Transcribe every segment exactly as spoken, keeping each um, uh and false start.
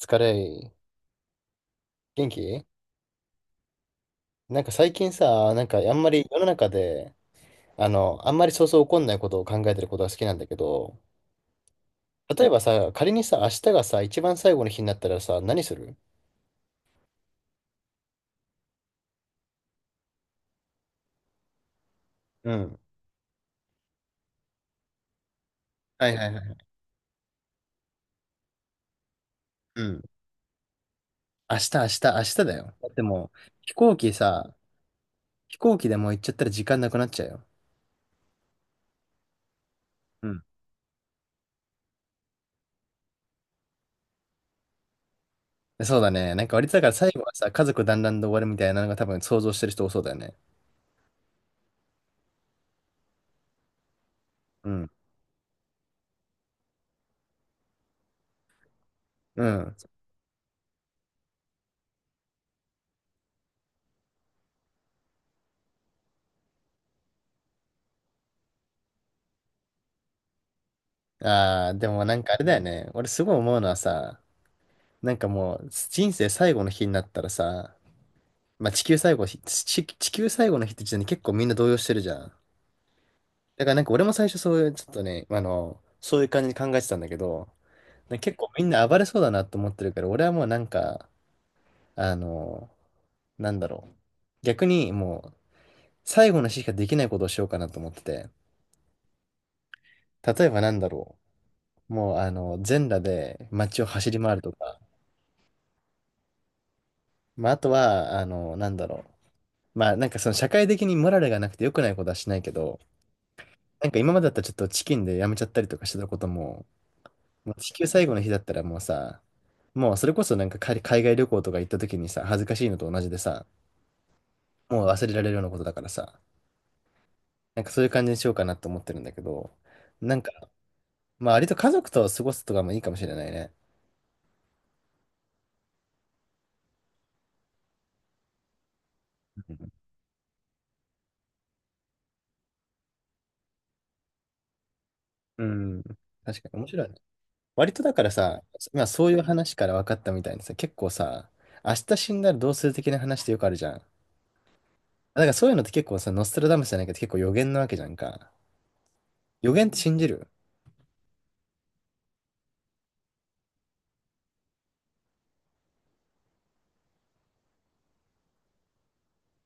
疲れ、元気なんか最近さ、なんかあんまり世の中で、あの、あんまりそうそう起こんないことを考えてることが好きなんだけど、例えばさ、仮にさ、明日がさ、一番最後の日になったらさ、何する？うん。はいはいはい。うん。明日、明日、明日だよ。だってもう、飛行機さ、飛行機でもう行っちゃったら時間なくなっちゃうよ。うん。そうだね。なんか割とだから最後はさ、家族団らんで終わるみたいなのが多分想像してる人多そうだよね。うん。うん。ああ、でもなんかあれだよね。俺すごい思うのはさ、なんかもう、人生最後の日になったらさ、まあ地球最後の日、地、地球最後の日って時点で結構みんな動揺してるじゃん。だからなんか俺も最初そういう、ちょっとね、あの、そういう感じに考えてたんだけど、なんか結構みんな暴れそうだなと思ってるから、俺はもうなんか、あの、なんだろう。逆にもう、最後の日しかできないことをしようかなと思ってて、例えばなんだろう。もうあの、全裸で街を走り回るとか、まああとは、あの、なんだろう。まあなんかその社会的にモラルがなくて良くないことはしないけど、なんか今までだったらちょっとチキンでやめちゃったりとかしてたことも、もう地球最後の日だったらもうさ、もうそれこそなんか海海外旅行とか行った時にさ、恥ずかしいのと同じでさ、もう忘れられるようなことだからさ、なんかそういう感じにしようかなと思ってるんだけど、なんか、まあ割と家族と過ごすとかもいいかもしれないね。うん。うん。確かに面白いね。割とだからさ、今そういう話から分かったみたいにさ、結構さ、明日死んだらどうする的な話ってよくあるじゃん。だからそういうのって結構さ、ノストラダムスじゃないけど結構予言なわけじゃんか。予言って信じる？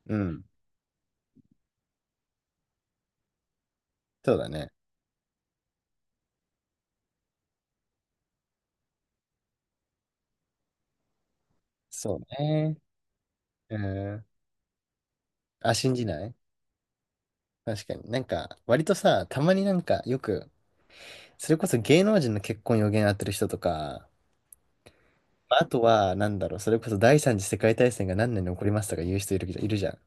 うん。そうだね。そうね。うん。あ、信じない？確かに。なんか、割とさ、たまになんかよく、それこそ芸能人の結婚予言当てる人とか、まあとは、なんだろう、それこそ第三次世界大戦が何年に起こりますとか言う人いる、いるじゃん。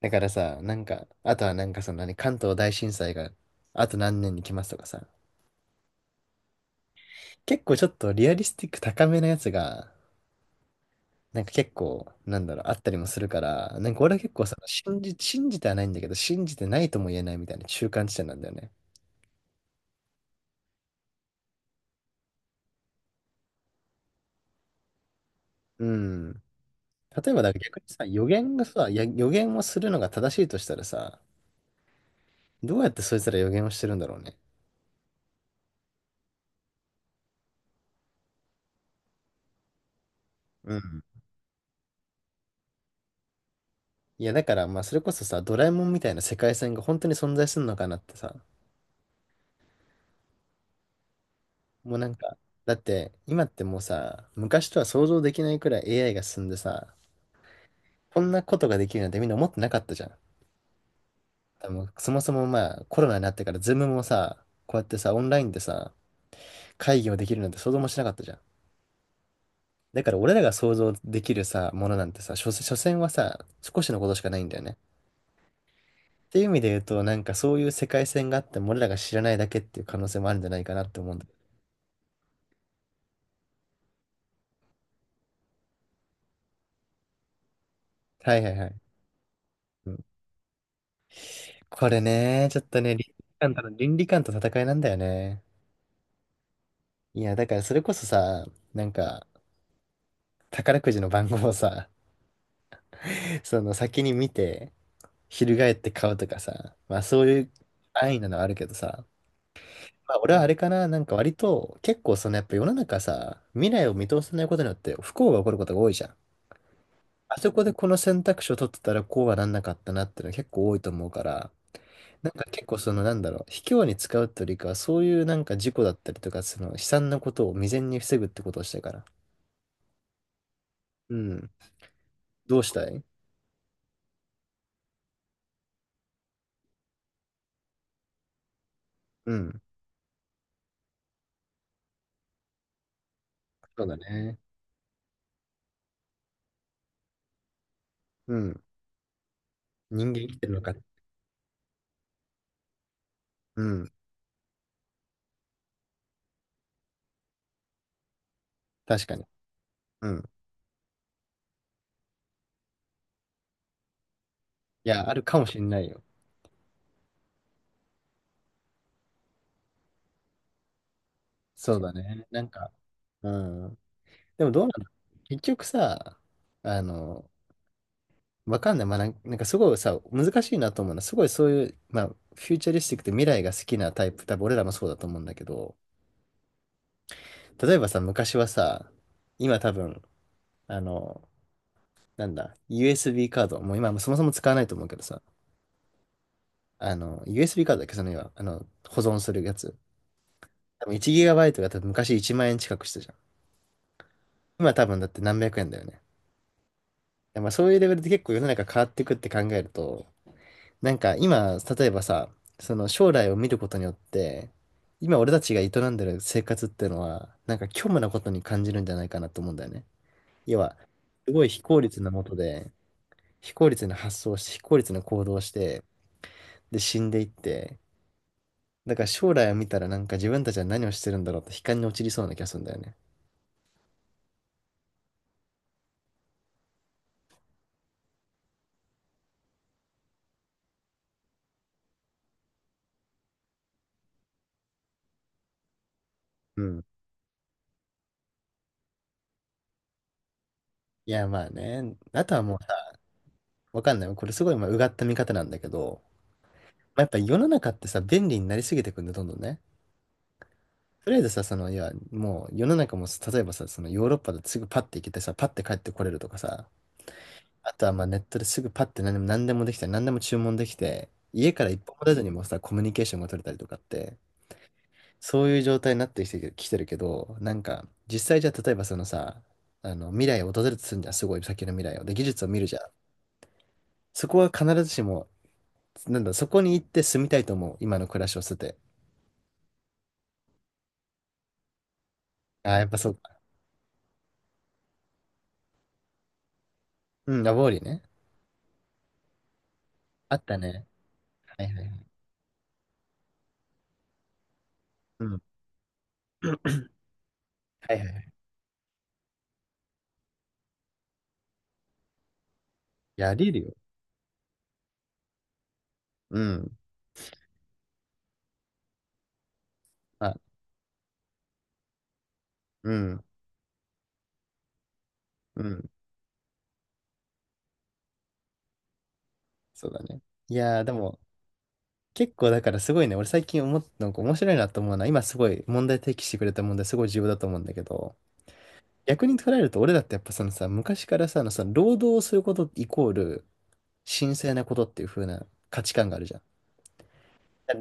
だからさ、なんか、あとはなんかその何、関東大震災があと何年に来ますとかさ、結構ちょっとリアリスティック高めのやつが、なんか結構、なんだろう、あったりもするから、なんか俺は結構さ、信じ、信じてはないんだけど、信じてないとも言えないみたいな中間地点なんだよね。うん。例えば、だから逆にさ、予言がさ、や予言をするのが正しいとしたらさ、どうやってそいつら予言をしてるんだろうね。うん。いや、だから、まあ、それこそさ、ドラえもんみたいな世界線が本当に存在するのかなってさ、もうなんか、だって、今ってもうさ、昔とは想像できないくらい エーアイ が進んでさ、こんなことができるなんてみんな思ってなかったじゃん。でもそもそもまあコロナになってからズームもさ、こうやってさ、オンラインでさ、会議をできるなんて想像もしなかったじゃん。だから俺らが想像できるさ、ものなんてさ、所詮、所詮はさ、少しのことしかないんだよね。っていう意味で言うと、なんかそういう世界線があっても俺らが知らないだけっていう可能性もあるんじゃないかなって思うんだ。はいはいはい。うん、これね、ちょっとね、倫理観との、倫理観と戦いなんだよね。いや、だからそれこそさ、なんか、宝くじの番号をさ、その先に見て、翻って買うとかさ、まあそういう安易なのはあるけどさ、まあ俺はあれかな、なんか割と結構そのやっぱ世の中さ、未来を見通せないことによって不幸が起こることが多いじゃん。あそこでこの選択肢を取ってたらこうはなんなかったなっていうのは結構多いと思うから、なんか結構そのなんだろう、卑怯に使うってよりかはそういうなんか事故だったりとか、その悲惨なことを未然に防ぐってことをしたいから。うん。どうしたい？うん。そうだね。うん。人間生きてるのか。うん。確かに。うん。いや、あるかもしれないよ。そうだね。なんか、うん。でもどうなの？結局さ、あの、わかんない。まあ、なんなんかすごいさ、難しいなと思うのは、すごいそういう、まあ、フューチャリスティックで未来が好きなタイプ、多分俺らもそうだと思うんだけど、例えばさ、昔はさ、今多分、あの、なんだ、ユーエスビー カード、もう今もそもそも使わないと思うけどさ、あの、ユーエスビー カードだっけ、その今、あの、保存するやつ。多分 いちギガバイト が多分昔いちまんえん円近くしたじゃん。今多分だってなんびゃくえんだよね。やまあそういうレベルで結構世の中変わっていくって考えると、なんか今、例えばさ、その将来を見ることによって、今俺たちが営んでる生活っていうのは、なんか虚無なことに感じるんじゃないかなと思うんだよね。要は、すごい非効率なもとで、非効率な発想をして、非効率な行動をして、で死んでいって、だから将来を見たらなんか自分たちは何をしてるんだろうって悲観に陥りそうな気がするんだよね。うん。いやまあね、あとはもうさ、わかんない。これすごいまあうがった見方なんだけど、まあやっぱ世の中ってさ、便利になりすぎてくんだ、どんどんね。とりあえずさ、その、いや、もう世の中も、例えばさ、そのヨーロッパだとすぐパッて行けてさ、パッて帰ってこれるとかさ、あとはまあネットですぐパッて何でも、何でもできて、何でも注文できて、家から一歩も出ずにもさ、コミュニケーションが取れたりとかって、そういう状態になってきてる、きてるけど、なんか、実際じゃあ例えばそのさ、あの、未来を訪れるとするんじゃん、すごい先の未来を。で、技術を見るじゃん。そこは必ずしも、なんだ、そこに行って住みたいと思う、今の暮らしを捨てて。ああ、やっぱそうか。うん、ラボーリーね。あったね。はいはいはい。うん。はいはいはい。やれるよ。うん。まあ、うん。うん。そうだね。いやー、でも、結構だからすごいね、俺最近思っなんか面白いなと思うのは、今すごい問題提起してくれた問題すごい重要だと思うんだけど、逆に捉えると俺だってやっぱそのさ、昔からさ、あのさ、労働をすることイコール神聖なことっていう風な価値観があるじゃん。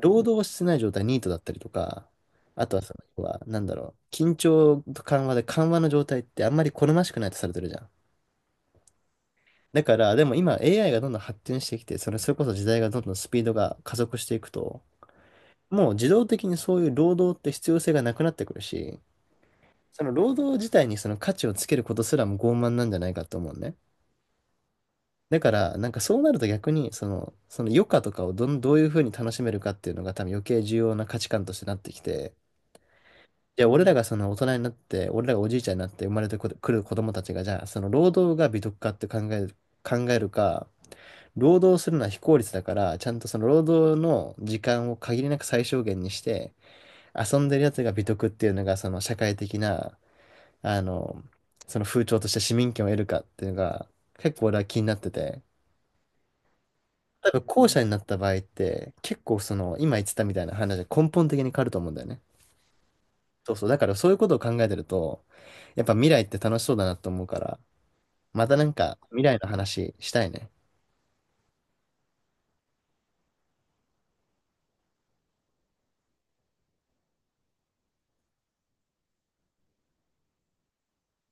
労働をしてない状態、ニートだったりとか、あとはその、要は、なんだろう、緊張と緩和で緩和の状態ってあんまり好ましくないとされてるじゃん。だから、でも今 エーアイ がどんどん発展してきて、それ、それこそ時代がどんどんスピードが加速していくと、もう自動的にそういう労働って必要性がなくなってくるし、その労働自体にその価値をつけることすらも傲慢なんじゃないかと思うね。だから、なんかそうなると逆に、その、その余暇とかをどん、どういうふうに楽しめるかっていうのが多分余計重要な価値観としてなってきて、じゃあ俺らがその大人になって、俺らがおじいちゃんになって生まれてくる子供たちが、じゃあその労働が美徳かって考える、考えるか、労働するのは非効率だから、ちゃんとその労働の時間を限りなく最小限にして、遊んでるやつが美徳っていうのが、その社会的な、あの、その風潮として市民権を得るかっていうのが、結構俺は気になってて、多分後者になった場合って、結構その、今言ってたみたいな話が根本的に変わると思うんだよね。そうそう。だからそういうことを考えてると、やっぱ未来って楽しそうだなと思うから、またなんか未来の話したいね。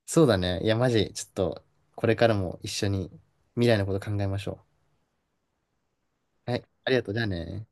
そうだね。いや、マジ、ちょっと、これからも一緒に未来のこと考えましょう。はい、ありがとう。じゃあね。